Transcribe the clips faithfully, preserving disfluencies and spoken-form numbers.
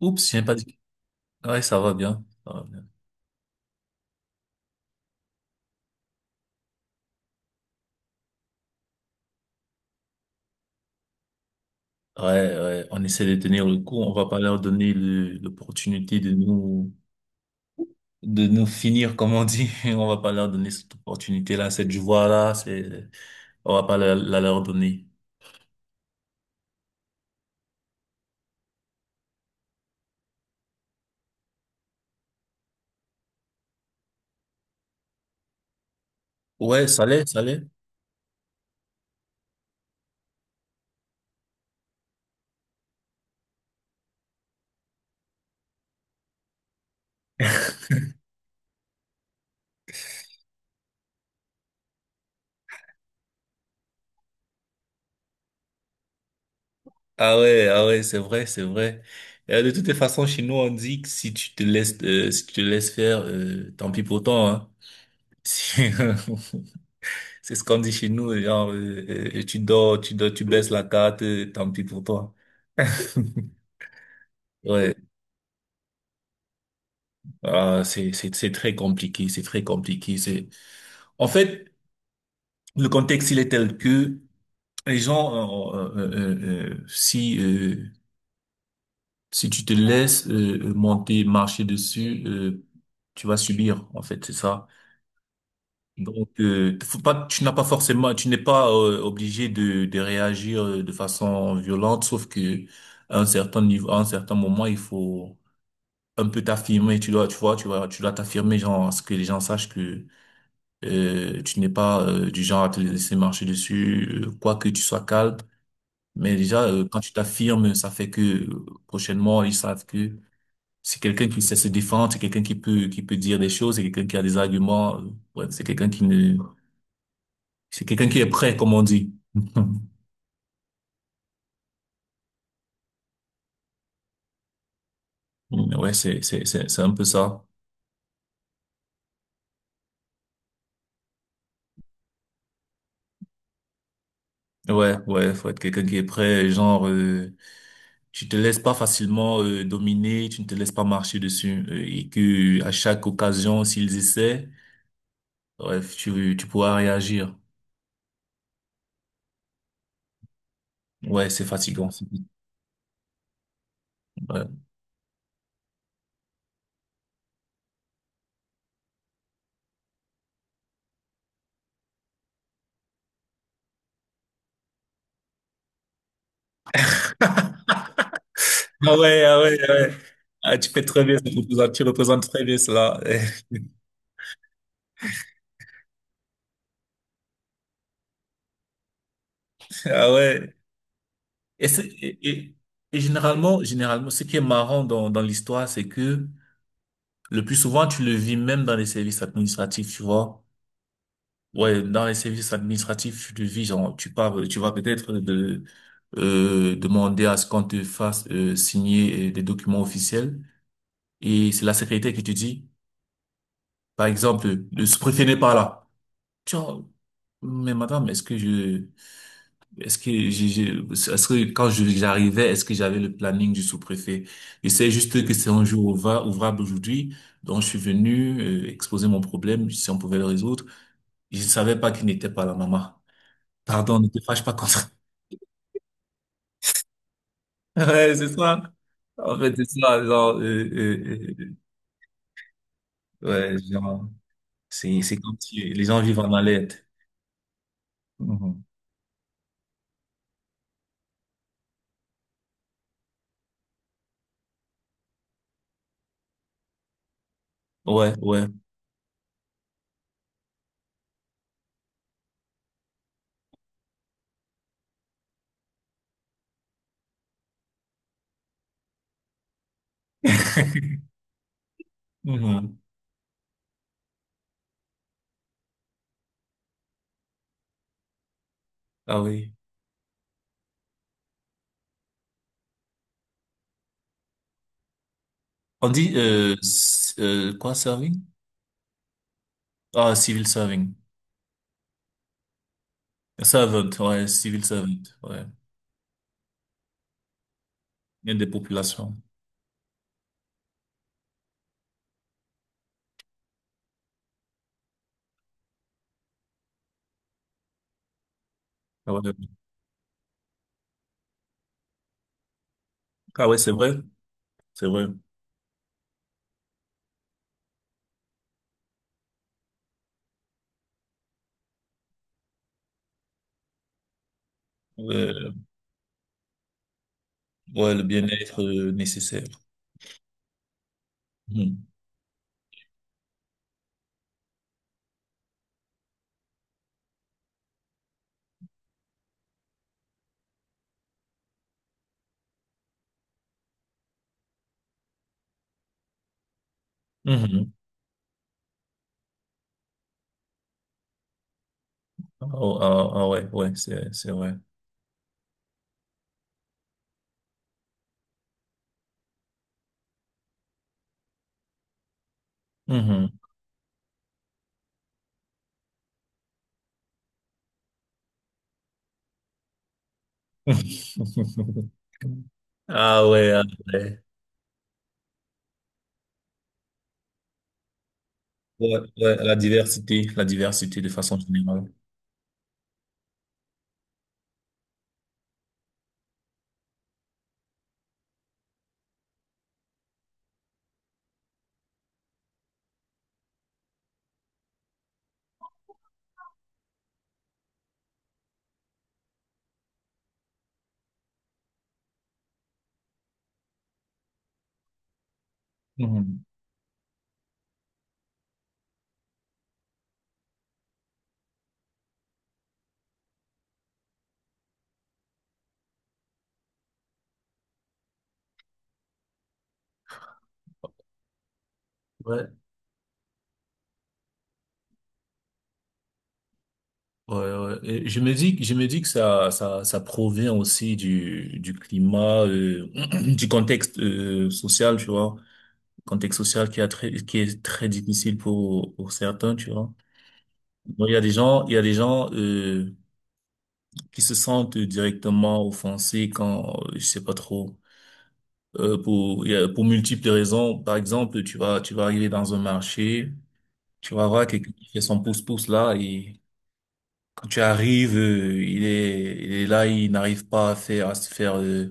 Oups, j'ai pas dit. Ouais, ça va bien. Ça va bien. Ouais, ouais, on essaie de tenir le coup. On va pas leur donner le- l'opportunité de nous, de nous finir, comme on dit. On va pas leur donner cette opportunité-là, cette joie-là. C'est, on va pas la, la leur donner. Ouais, ça l'est, ça l'est. Ah ouais, ah ouais, c'est vrai, c'est vrai. Euh, de toutes les façons, chez nous, on dit que si tu te laisses, euh, si tu te laisses faire, euh, tant pis pour toi, hein. Si- C'est ce qu'on dit chez nous, genre, euh, euh, tu dors, tu dors, tu baisses la carte, euh, tant pis pour toi. Ouais. Ah, c'est, c'est, c'est très compliqué, c'est très compliqué. C'est, en fait, le contexte, il est tel que les gens, euh, euh, euh, euh, euh, si, euh, si tu te laisses euh, monter, marcher dessus, euh, tu vas subir, en fait, c'est ça. Donc, euh, faut pas, tu n'as pas forcément, tu n'es pas euh, obligé de, de réagir euh, de façon violente, sauf que à un certain niveau, à un certain moment, il faut un peu t'affirmer. Tu dois, tu vois, tu vois, tu dois t'affirmer, genre, à ce que les gens sachent que euh, tu n'es pas euh, du genre à te laisser marcher dessus, euh, quoi que tu sois calme. Mais déjà, euh, quand tu t'affirmes, ça fait que euh, prochainement, ils savent que c'est quelqu'un qui sait se défendre, c'est quelqu'un qui peut, qui peut dire des choses, c'est quelqu'un qui a des arguments. euh, bref, c'est quelqu'un qui ne... C'est quelqu'un qui est prêt, comme on dit. Ouais, c'est, c'est, c'est, c'est un peu ça. Ouais, ouais, faut être quelqu'un qui est prêt, genre, euh, tu te laisses pas facilement euh, dominer, tu ne te laisses pas marcher dessus, euh, et que à chaque occasion, s'ils essaient, bref, tu, tu pourras réagir. Ouais, c'est fatigant. C'est- ouais. Ah ouais, ah ouais, ah ouais. Ah, tu fais très bien, tu représentes, tu représentes très bien cela. Ah ouais. Et, c'est- et, et- et généralement, généralement, ce qui est marrant dans, dans l'histoire, c'est que... Le plus souvent, tu le vis même dans les services administratifs, tu vois. Ouais, dans les services administratifs, tu le vis, genre, tu pars, tu vas peut-être de, euh, demander à ce qu'on te fasse euh, signer euh, des documents officiels. Et c'est la secrétaire qui te dit, par exemple, le sous-préfet n'est pas là. Tu vois, mais madame, est-ce que je... Est-ce que j'ai, j'ai- est-ce que quand je- J'arrivais, est-ce que j'avais le planning du sous-préfet? Je sais juste que c'est un jour ouva- ouvrable aujourd'hui, donc je suis venu euh, exposer mon problème, si on pouvait le résoudre. Je ne savais pas qu'il n'était pas là, maman. Pardon, ne te fâche pas contre. Ouais, c'est ça. En fait, c'est ça, genre, euh, euh, euh, ouais, genre, c'est, c'est comme si les gens vivent en alerte. Mhm. Ouais, ouais. Mhm. Ah oui. On dit, euh, s- euh, quoi, serving? Ah, civil serving. Servant, ouais, civil servant, ouais. Bien des populations. Ah ouais, ah ouais, c'est vrai, c'est vrai. Ouais, ouais, le bien-être euh, nécessaire. Mhm. Mhm. Ah, ah, ah ouais, ouais, c'est, c'est vrai. Mhm. Ah ouais, ah ouais. Ouais, ouais, la diversité, la diversité de façon générale. Mhm. Ouais, ouais, ouais. Et je me dis, que- je me dis que ça, ça, ça provient aussi du, du climat, euh, du contexte euh, social, tu vois. Contexte social qui a très, qui est très difficile pour, pour certains, tu vois. Donc, il y a des gens, il y a des gens, euh, qui se sentent directement offensés quand, euh, je sais pas trop, euh, pour, il y a- pour multiples raisons. Par exemple, tu vas, tu vas arriver dans un marché, tu vas voir quelqu'un qui fait son pouce-pouce là et... Quand tu arrives, euh, il est, il est là, il n'arrive pas à faire, à se faire euh,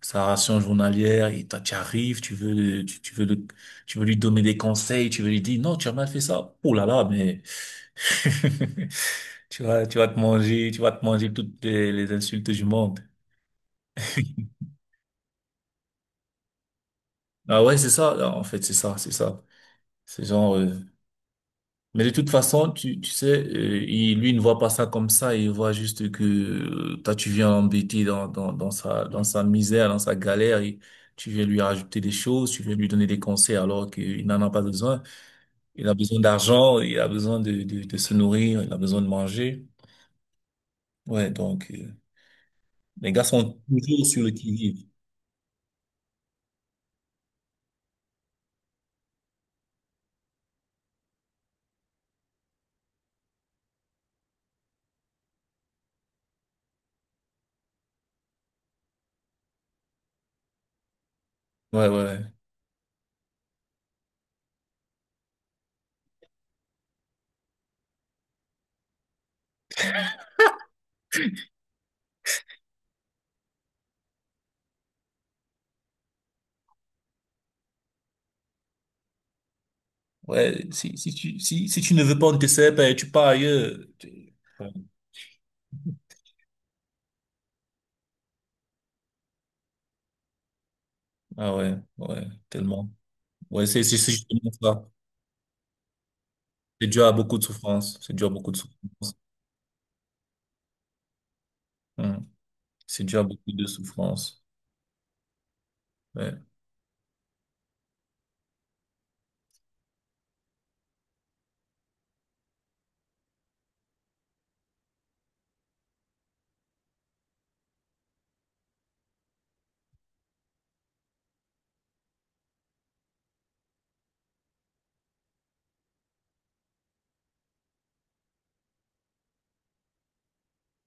sa ration journalière. Et toi, tu arrives, tu veux, le- tu, tu veux le, tu veux lui donner des conseils, tu veux lui dire non, tu as mal fait ça. Oh là là, mais tu vas, tu vas te manger, tu vas te manger toutes les, les insultes du monde. Ah ouais, c'est ça. En fait, c'est ça, c'est ça. C'est genre. Euh, Mais de toute façon, tu, tu sais, euh, il, lui il ne voit pas ça comme ça, il voit juste que euh, toi tu viens l'embêter dans, dans, dans sa, dans sa misère, dans sa galère, et tu viens lui rajouter des choses, tu viens lui donner des conseils alors qu'il n'en a pas besoin. Il a besoin d'argent, il a besoin de, de, de se nourrir, il a besoin de manger. Ouais, donc euh, les gars sont toujours sur le qui-vive. Ouais, ouais, ouais. Ouais, si, si tu, si, si tu ne veux pas, on te sert pas, tu pars ailleurs. Tu- ouais. Ah ouais, ouais, tellement. Ouais, c'est c'est c'est justement ça. C'est dû à beaucoup de souffrance. C'est dû à beaucoup de souffrance. Mhm. C'est dû à beaucoup de souffrance. Ouais.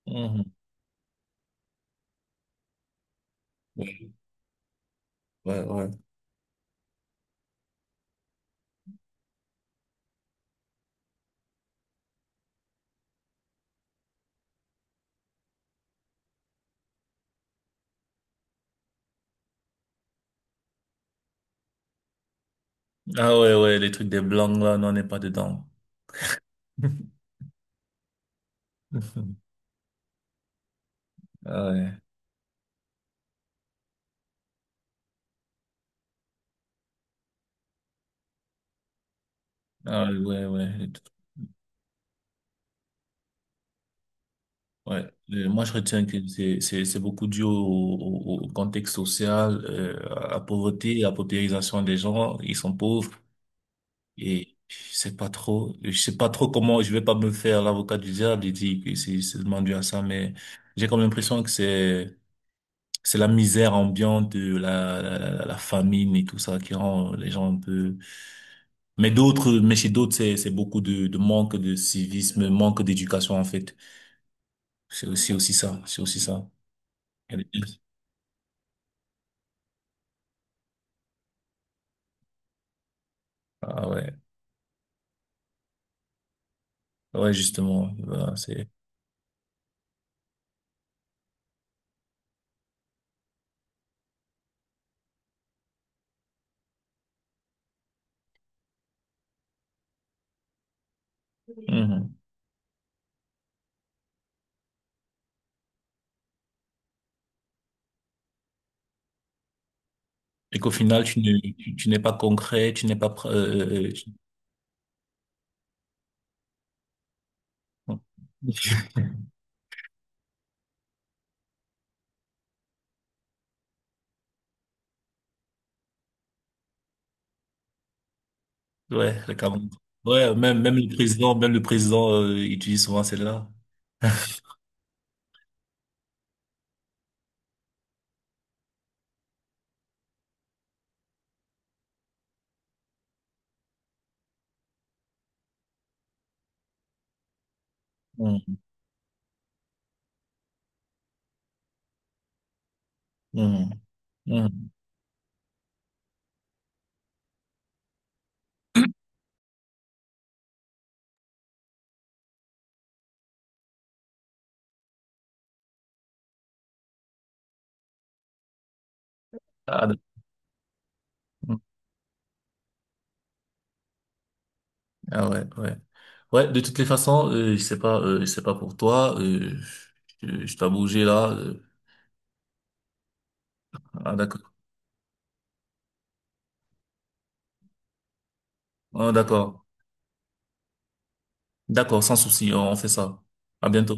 Mhm. Ouais, ouais, ouais. Ah ouais, ouais, les trucs des blancs, là, non, on n'est pas dedans. Ah ouais. Ah ouais, ouais, ouais. Les trucs- ouais. Euh, Moi, je retiens que c'est, c'est, c'est beaucoup dû au, au- au contexte social, euh, à la pauvreté, à la paupérisation des gens. Ils sont pauvres et je sais pas trop, je sais pas trop comment, je vais pas me faire l'avocat du diable et dire que c'est seulement dû à ça, mais j'ai comme l'impression que c'est... C'est la misère ambiante, euh, la, la, la, la famine et tout ça qui rend euh, les gens un peu... Mais d'autres, mais chez d'autres, c'est, c'est beaucoup de, de manque de civisme, manque d'éducation, en fait. C'est aussi, aussi ça, c'est aussi ça. Il y a des- Ah ouais, ouais, justement, voilà, c'est... Mhm. Et qu'au final, tu ne, tu, tu n'es pas concret, tu n'es pas... pr- euh, euh, euh, tu- Ouais, le Cameroun. Ouais, même, même le président, même le président, euh, utilise souvent celle-là. Mhm. Mhm. Mhm. Ah, d'accord. Ah ouais, ouais. Ouais, de toutes les façons, euh, je sais pas, euh, je sais pas pour toi, euh, je, je dois bouger là. euh. Ah d'accord. Ah d'accord. D'accord, sans souci, on fait ça. À bientôt.